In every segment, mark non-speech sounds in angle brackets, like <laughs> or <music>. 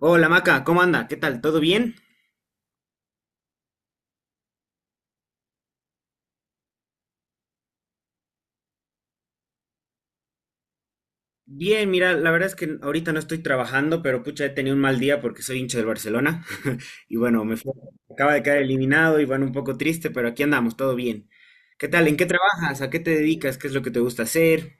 Hola Maca, ¿cómo anda? ¿Qué tal? ¿Todo bien? Bien, mira, la verdad es que ahorita no estoy trabajando, pero pucha, he tenido un mal día porque soy hincha del Barcelona. <laughs> Y bueno, acaba de quedar eliminado y bueno, un poco triste, pero aquí andamos, todo bien. ¿Qué tal? ¿En qué trabajas? ¿A qué te dedicas? ¿Qué es lo que te gusta hacer?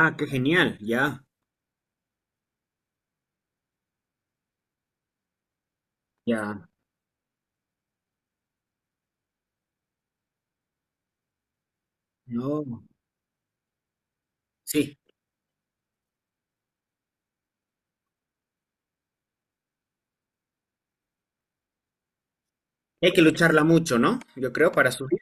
Ah, qué genial, ya, ya. No, sí, hay que lucharla mucho, ¿no? Yo creo, para subir.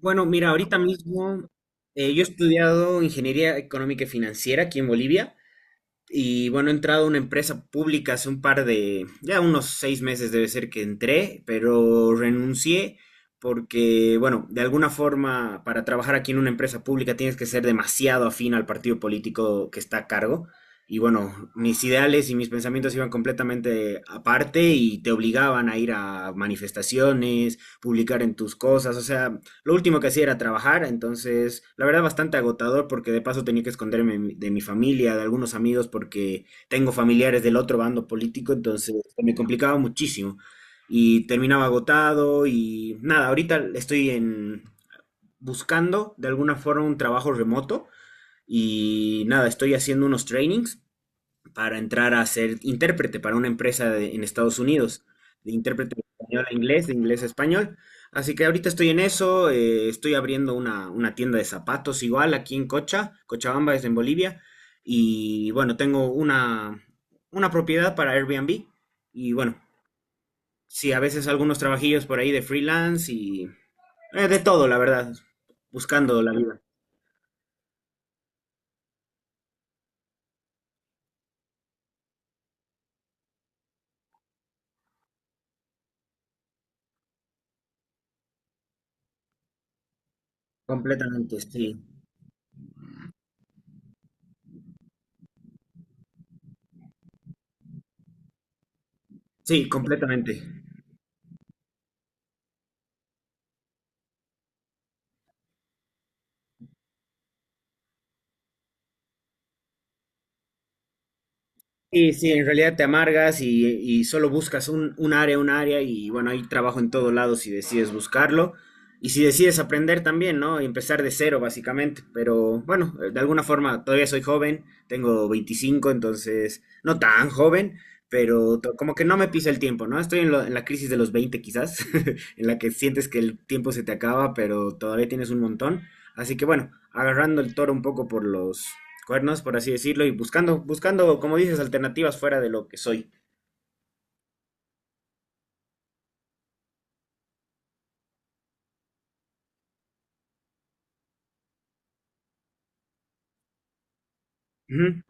Bueno, mira, ahorita mismo yo he estudiado ingeniería económica y financiera aquí en Bolivia. Y bueno, he entrado a una empresa pública hace ya unos 6 meses debe ser que entré, pero renuncié porque, bueno, de alguna forma para trabajar aquí en una empresa pública tienes que ser demasiado afín al partido político que está a cargo. Y bueno, mis ideales y mis pensamientos iban completamente aparte y te obligaban a ir a manifestaciones, publicar en tus cosas, o sea, lo último que hacía era trabajar, entonces la verdad bastante agotador porque de paso tenía que esconderme de mi familia, de algunos amigos porque tengo familiares del otro bando político, entonces se me complicaba muchísimo y terminaba agotado y nada, ahorita estoy en buscando de alguna forma un trabajo remoto y nada, estoy haciendo unos trainings para entrar a ser intérprete para una empresa en Estados Unidos, de intérprete de español a inglés, de inglés a español. Así que ahorita estoy en eso, estoy abriendo una tienda de zapatos igual aquí en Cochabamba es en Bolivia, y bueno, tengo una propiedad para Airbnb, y bueno, sí, a veces algunos trabajillos por ahí de freelance y de todo, la verdad, buscando la vida. Completamente, sí, sí, completamente. Sí, sí, en realidad te amargas y solo buscas un área y bueno, hay trabajo en todos lados si decides buscarlo y si decides aprender también, ¿no? Y empezar de cero básicamente, pero bueno, de alguna forma todavía soy joven, tengo 25, entonces no tan joven, pero como que no me pisa el tiempo, ¿no? Estoy en la crisis de los 20 quizás, <laughs> en la que sientes que el tiempo se te acaba, pero todavía tienes un montón, así que bueno, agarrando el toro un poco por los cuernos, por así decirlo, y buscando, buscando, como dices, alternativas fuera de lo que soy. Ujú,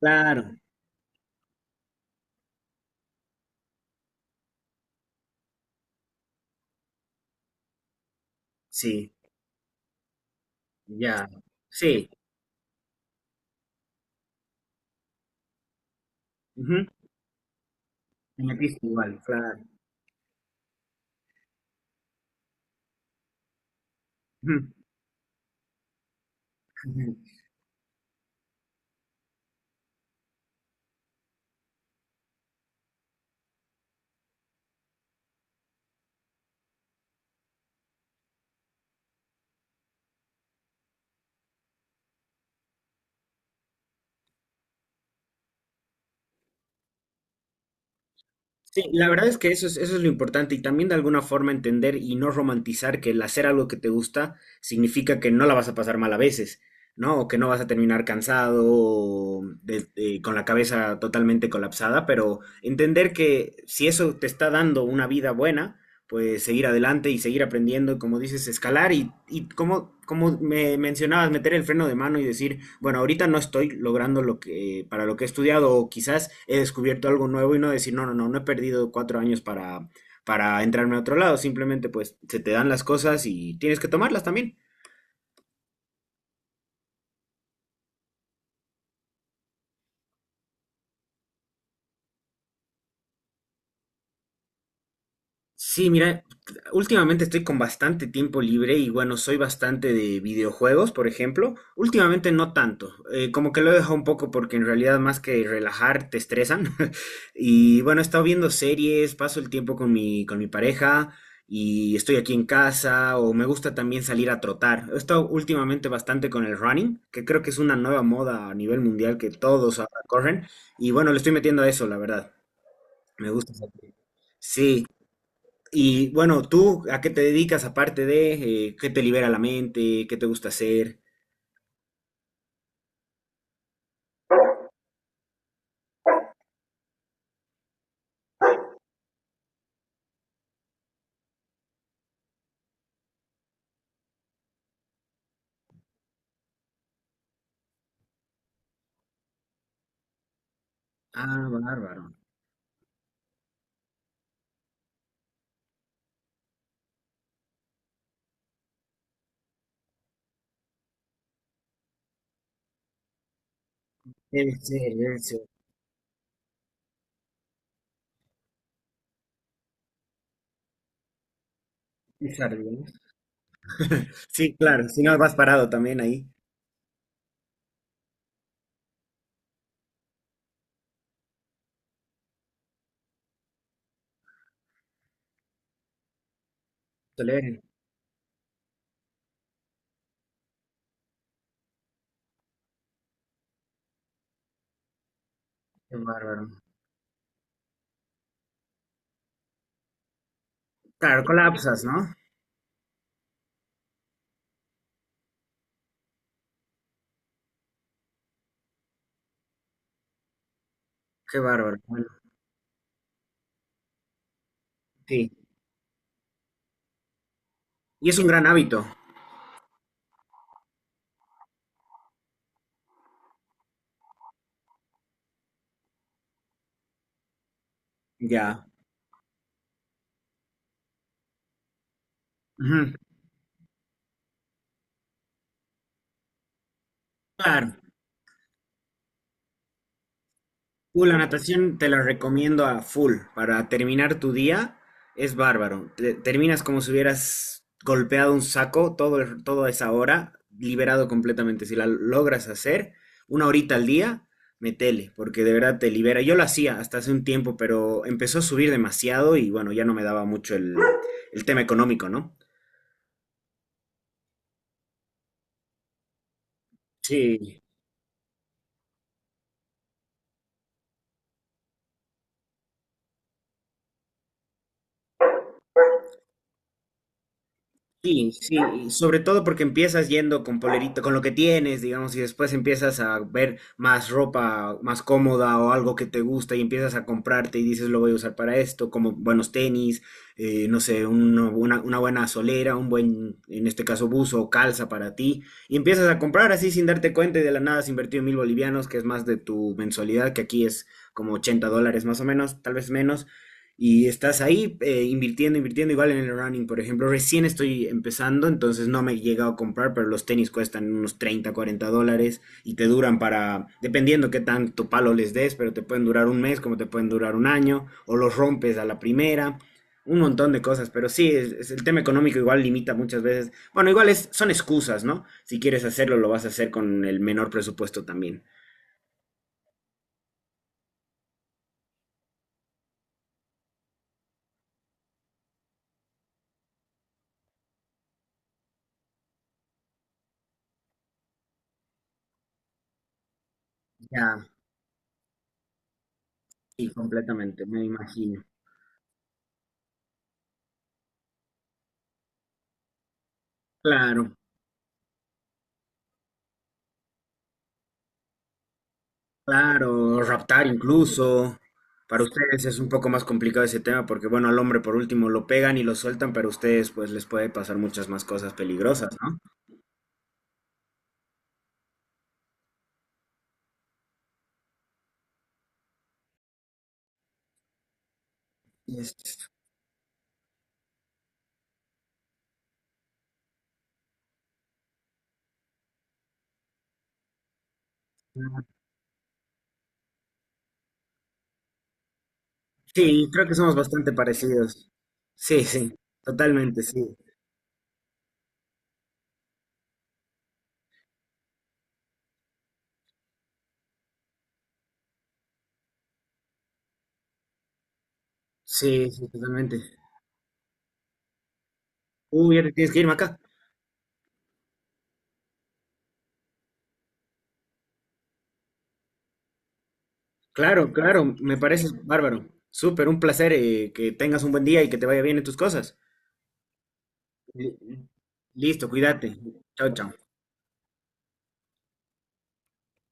claro, sí, ya, sí, ujú, me metiste igual, claro. Ujú. Ujú. Sí, la verdad es que eso es lo importante y también de alguna forma entender y no romantizar que el hacer algo que te gusta significa que no la vas a pasar mal a veces, ¿no? O que no vas a terminar cansado con la cabeza totalmente colapsada, pero entender que si eso te está dando una vida buena, pues seguir adelante y seguir aprendiendo, y como dices, escalar y como, como me mencionabas, meter el freno de mano y decir, bueno, ahorita no estoy logrando lo que, para lo que he estudiado o quizás he descubierto algo nuevo y no decir, no, no, no, no he perdido 4 años para entrarme a otro lado, simplemente pues se te dan las cosas y tienes que tomarlas también. Sí, mira, últimamente estoy con bastante tiempo libre y bueno, soy bastante de videojuegos, por ejemplo. Últimamente no tanto, como que lo he dejado un poco porque en realidad más que relajar te estresan. <laughs> Y bueno, he estado viendo series, paso el tiempo con mi pareja y estoy aquí en casa o me gusta también salir a trotar. He estado últimamente bastante con el running, que creo que es una nueva moda a nivel mundial que todos ahora corren. Y bueno, le estoy metiendo a eso, la verdad. Me gusta. Sí, y bueno, ¿tú a qué te dedicas aparte de qué te libera la mente, qué te gusta hacer? Ah, bárbaro. Debe ser, debe ser. Es arduo, ¿no? Sí, claro, si no vas parado también ahí. Toleren. Qué bárbaro. Claro, colapsas, ¿no? Qué bárbaro. Bueno, sí. Y es un gran hábito. Ya. Ujú. Claro. La natación te la recomiendo a full. Para terminar tu día es bárbaro. Terminas como si hubieras golpeado un saco todo, toda esa hora, liberado completamente. Si la logras hacer, una horita al día, metele, porque de verdad te libera. Yo lo hacía hasta hace un tiempo, pero empezó a subir demasiado y bueno, ya no me daba mucho el tema económico, ¿no? Sí, sí, sí, y sobre todo porque empiezas yendo con polerito, con lo que tienes, digamos, y después empiezas a ver más ropa más cómoda o algo que te gusta y empiezas a comprarte y dices lo voy a usar para esto, como buenos tenis, no sé, una buena solera, un buen, en este caso, buzo o calza para ti, y empiezas a comprar así sin darte cuenta y de la nada has invertido 1000 bolivianos, que es más de tu mensualidad, que aquí es como 80 dólares más o menos, tal vez menos y estás ahí invirtiendo, invirtiendo igual en el running, por ejemplo. Recién estoy empezando, entonces no me he llegado a comprar, pero los tenis cuestan unos 30 40 dólares y te duran para, dependiendo qué tanto palo les des, pero te pueden durar un mes, como te pueden durar un año, o los rompes a la primera, un montón de cosas. Pero sí, es el tema económico igual limita muchas veces. Bueno, igual es, son excusas, ¿no? Si quieres hacerlo, lo vas a hacer con el menor presupuesto también. Ya, sí, completamente, me imagino. Claro. Claro, raptar incluso. Para ustedes es un poco más complicado ese tema porque, bueno, al hombre por último lo pegan y lo sueltan, pero a ustedes pues les puede pasar muchas más cosas peligrosas, ¿no? es- Sí, creo que somos bastante parecidos. Sí, sí, totalmente, sí. Sí, sí, totalmente. Uy, ya te tienes que ir, acá. Claro, claro, me parece bárbaro. Súper, un placer, que tengas un buen día y que te vaya bien en tus cosas. Li- Listo, cuídate. Chao, chao.